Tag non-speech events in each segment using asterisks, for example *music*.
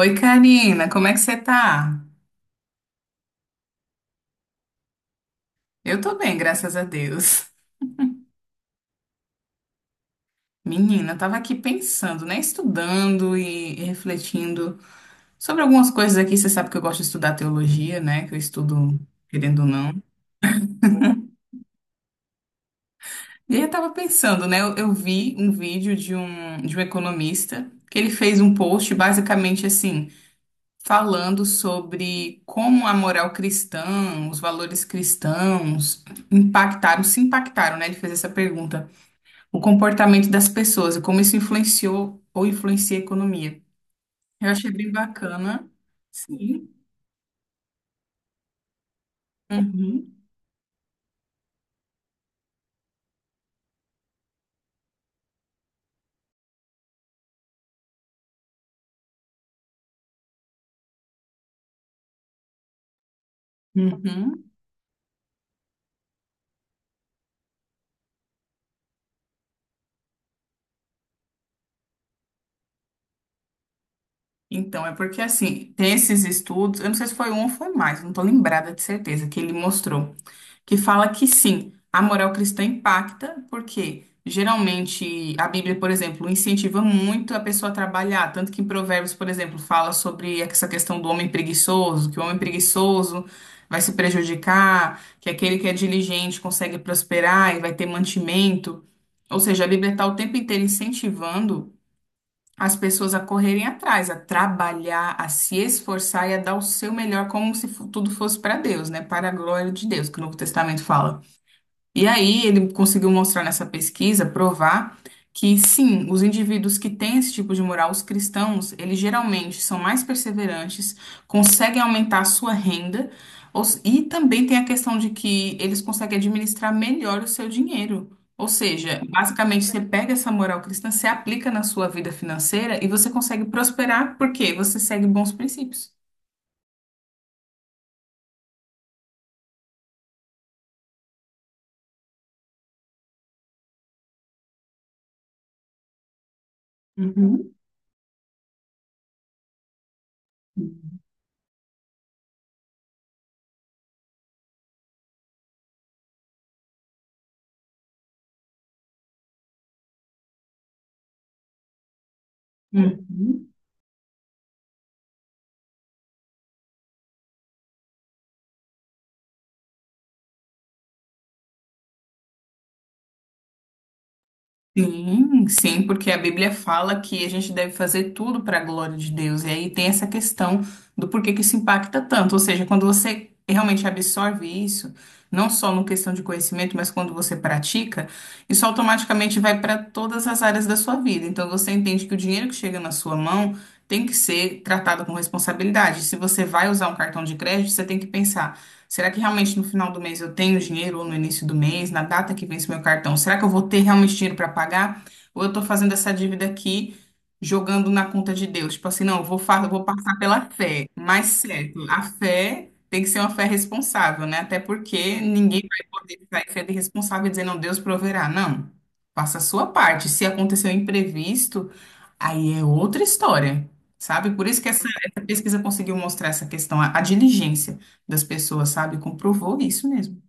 Oi, Karina, como é que você tá? Eu tô bem, graças a Deus. Menina, eu tava aqui pensando, né? Estudando e refletindo sobre algumas coisas aqui. Você sabe que eu gosto de estudar teologia, né? Que eu estudo, querendo ou não. E aí eu tava pensando, né? Eu vi um vídeo de um economista que ele fez um post basicamente assim, falando sobre como a moral cristã, os valores cristãos impactaram, se impactaram, né? Ele fez essa pergunta. O comportamento das pessoas e como isso influenciou ou influencia a economia. Eu achei bem bacana. Sim. Uhum. Uhum. Então, é porque assim, tem esses estudos, eu não sei se foi um ou foi mais, não estou lembrada de certeza, que ele mostrou. Que fala que sim, a moral cristã impacta, porque geralmente a Bíblia, por exemplo, incentiva muito a pessoa a trabalhar, tanto que em Provérbios, por exemplo, fala sobre essa questão do homem preguiçoso, que o homem preguiçoso vai se prejudicar, que aquele que é diligente consegue prosperar e vai ter mantimento. Ou seja, a Bíblia está o tempo inteiro incentivando as pessoas a correrem atrás, a trabalhar, a se esforçar e a dar o seu melhor, como se fu- tudo fosse para Deus, né? Para a glória de Deus, que o Novo Testamento fala. E aí ele conseguiu mostrar nessa pesquisa, provar que sim, os indivíduos que têm esse tipo de moral, os cristãos, eles geralmente são mais perseverantes, conseguem aumentar a sua renda, e também tem a questão de que eles conseguem administrar melhor o seu dinheiro. Ou seja, basicamente você pega essa moral cristã, você aplica na sua vida financeira e você consegue prosperar porque você segue bons princípios. Uhum. Uhum. Sim, porque a Bíblia fala que a gente deve fazer tudo para a glória de Deus. E aí tem essa questão do porquê que isso impacta tanto. Ou seja, quando você realmente absorve isso, não só no questão de conhecimento, mas quando você pratica, isso automaticamente vai para todas as áreas da sua vida. Então você entende que o dinheiro que chega na sua mão tem que ser tratado com responsabilidade. Se você vai usar um cartão de crédito, você tem que pensar. Será que realmente no final do mês eu tenho dinheiro ou no início do mês, na data que vence meu cartão? Será que eu vou ter realmente dinheiro para pagar? Ou eu estou fazendo essa dívida aqui jogando na conta de Deus? Tipo assim, não, eu vou passar pela fé. Mas certo, a fé tem que ser uma fé responsável, né? Até porque ninguém vai poder sair sendo irresponsável e dizer, não, Deus proverá. Não. Faça a sua parte. Se acontecer um imprevisto, aí é outra história, sabe? Por isso que essa pesquisa conseguiu mostrar essa questão, a diligência das pessoas, sabe? Comprovou isso mesmo.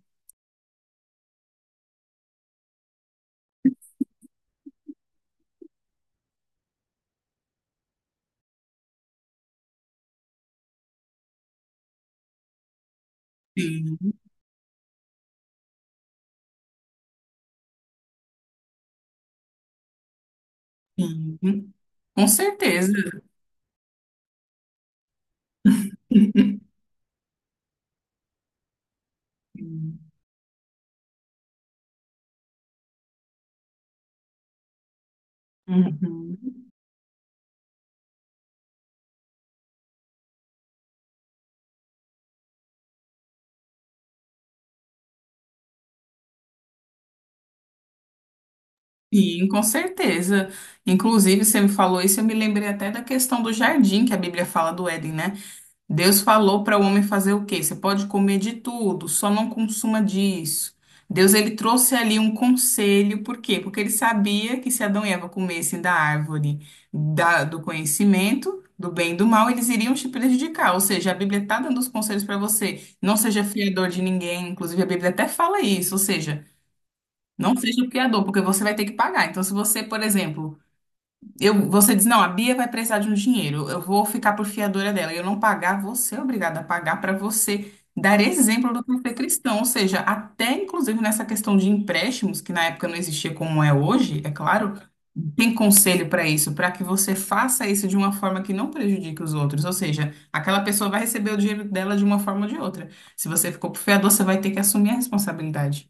Sim, sim, com certeza. Sim. Uhum. Sim, com certeza. Inclusive, você me falou isso, eu me lembrei até da questão do jardim que a Bíblia fala do Éden, né? Deus falou para o homem fazer o quê? Você pode comer de tudo, só não consuma disso. Deus ele trouxe ali um conselho, por quê? Porque ele sabia que se Adão e Eva comessem da árvore do conhecimento, do bem e do mal, eles iriam se prejudicar. Ou seja, a Bíblia está dando os conselhos para você. Não seja fiador de ninguém, inclusive a Bíblia até fala isso. Ou seja, não seja fiador, porque você vai ter que pagar. Então, se você, por exemplo, eu, você diz, não, a Bia vai precisar de um dinheiro, eu vou ficar por fiadora dela. E eu não pagar, você é obrigada a pagar para você dar exemplo do que é ser cristão. Ou seja, até inclusive nessa questão de empréstimos, que na época não existia como é hoje, é claro, tem conselho para isso, para que você faça isso de uma forma que não prejudique os outros. Ou seja, aquela pessoa vai receber o dinheiro dela de uma forma ou de outra. Se você ficou por fiador, você vai ter que assumir a responsabilidade.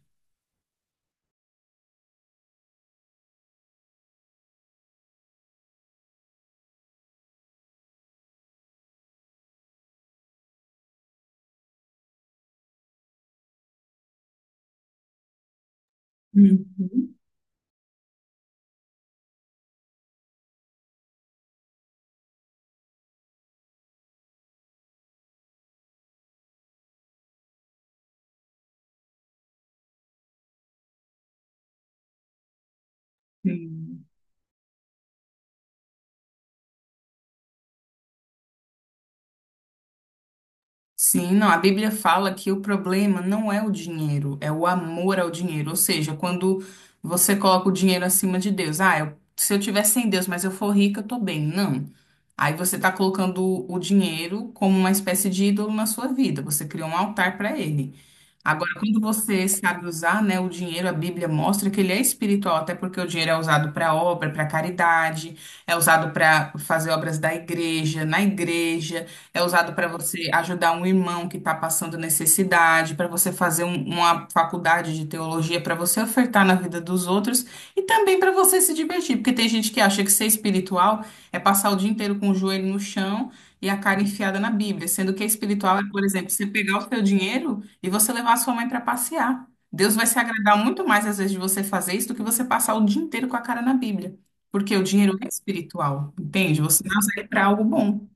Uhum. Sim. Sim, não, a Bíblia fala que o problema não é o dinheiro, é o amor ao dinheiro. Ou seja, quando você coloca o dinheiro acima de Deus, se eu tiver sem Deus, mas eu for rica, eu tô bem. Não. Aí você tá colocando o dinheiro como uma espécie de ídolo na sua vida. Você criou um altar para ele. Agora, quando você sabe usar, né, o dinheiro, a Bíblia mostra que ele é espiritual, até porque o dinheiro é usado para obra, para caridade, é usado para fazer obras da igreja, na igreja, é usado para você ajudar um irmão que está passando necessidade, para você fazer uma faculdade de teologia, para você ofertar na vida dos outros e também para você se divertir, porque tem gente que acha que ser espiritual é passar o dia inteiro com o joelho no chão e a cara enfiada na Bíblia, sendo que espiritual é, por exemplo, você pegar o seu dinheiro e você levar a sua mãe para passear. Deus vai se agradar muito mais às vezes de você fazer isso do que você passar o dia inteiro com a cara na Bíblia. Porque o dinheiro é espiritual, entende? Você não usa ele para algo bom.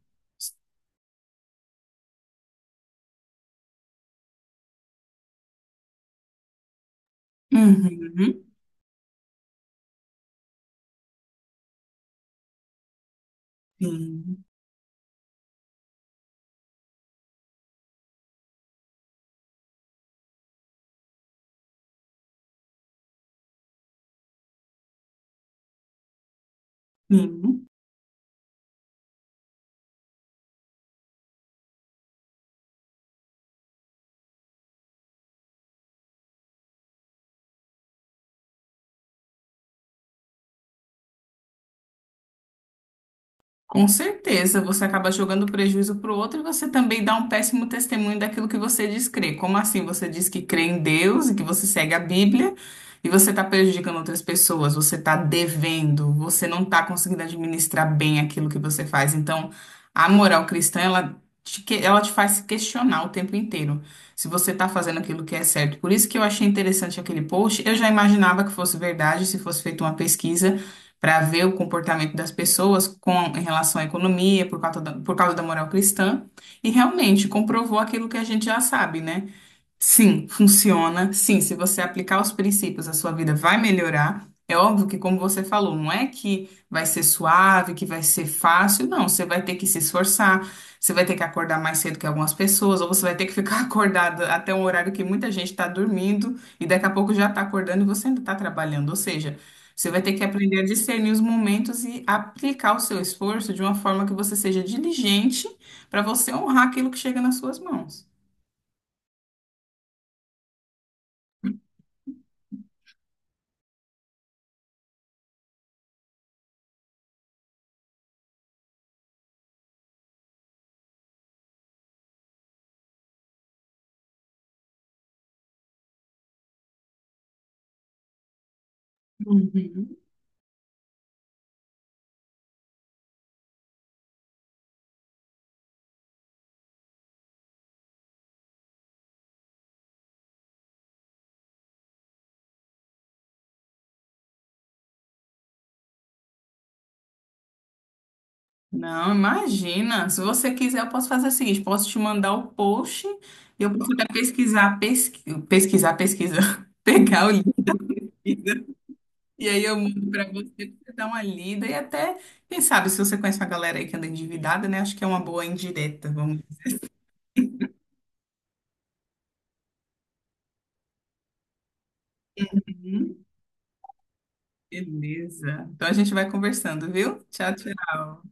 Uhum. Sim, sim. Com certeza, você acaba jogando prejuízo para o outro e você também dá um péssimo testemunho daquilo que você diz crer. Como assim você diz que crê em Deus e que você segue a Bíblia e você está prejudicando outras pessoas, você está devendo, você não está conseguindo administrar bem aquilo que você faz. Então, a moral cristã, ela ela te faz se questionar o tempo inteiro se você está fazendo aquilo que é certo. Por isso que eu achei interessante aquele post. Eu já imaginava que fosse verdade, se fosse feita uma pesquisa para ver o comportamento das pessoas com, em relação à economia, por causa da moral cristã, e realmente comprovou aquilo que a gente já sabe, né? Sim, funciona. Sim, se você aplicar os princípios, a sua vida vai melhorar. É óbvio que, como você falou, não é que vai ser suave, que vai ser fácil, não. Você vai ter que se esforçar, você vai ter que acordar mais cedo que algumas pessoas, ou você vai ter que ficar *laughs* acordada até um horário que muita gente está dormindo e daqui a pouco já está acordando e você ainda está trabalhando. Ou seja, você vai ter que aprender a discernir os momentos e aplicar o seu esforço de uma forma que você seja diligente para você honrar aquilo que chega nas suas mãos. Uhum. Não, imagina. Se você quiser, eu posso fazer o seguinte: posso te mandar o post e eu posso até pesquisar, pesquisar, *laughs* pegar o link. E aí eu mando para você, pra você dar uma lida e até, quem sabe, se você conhece uma galera aí que anda endividada, né? Acho que é uma boa indireta. Vamos. Uhum. Beleza. Então a gente vai conversando, viu? Tchau, tchau.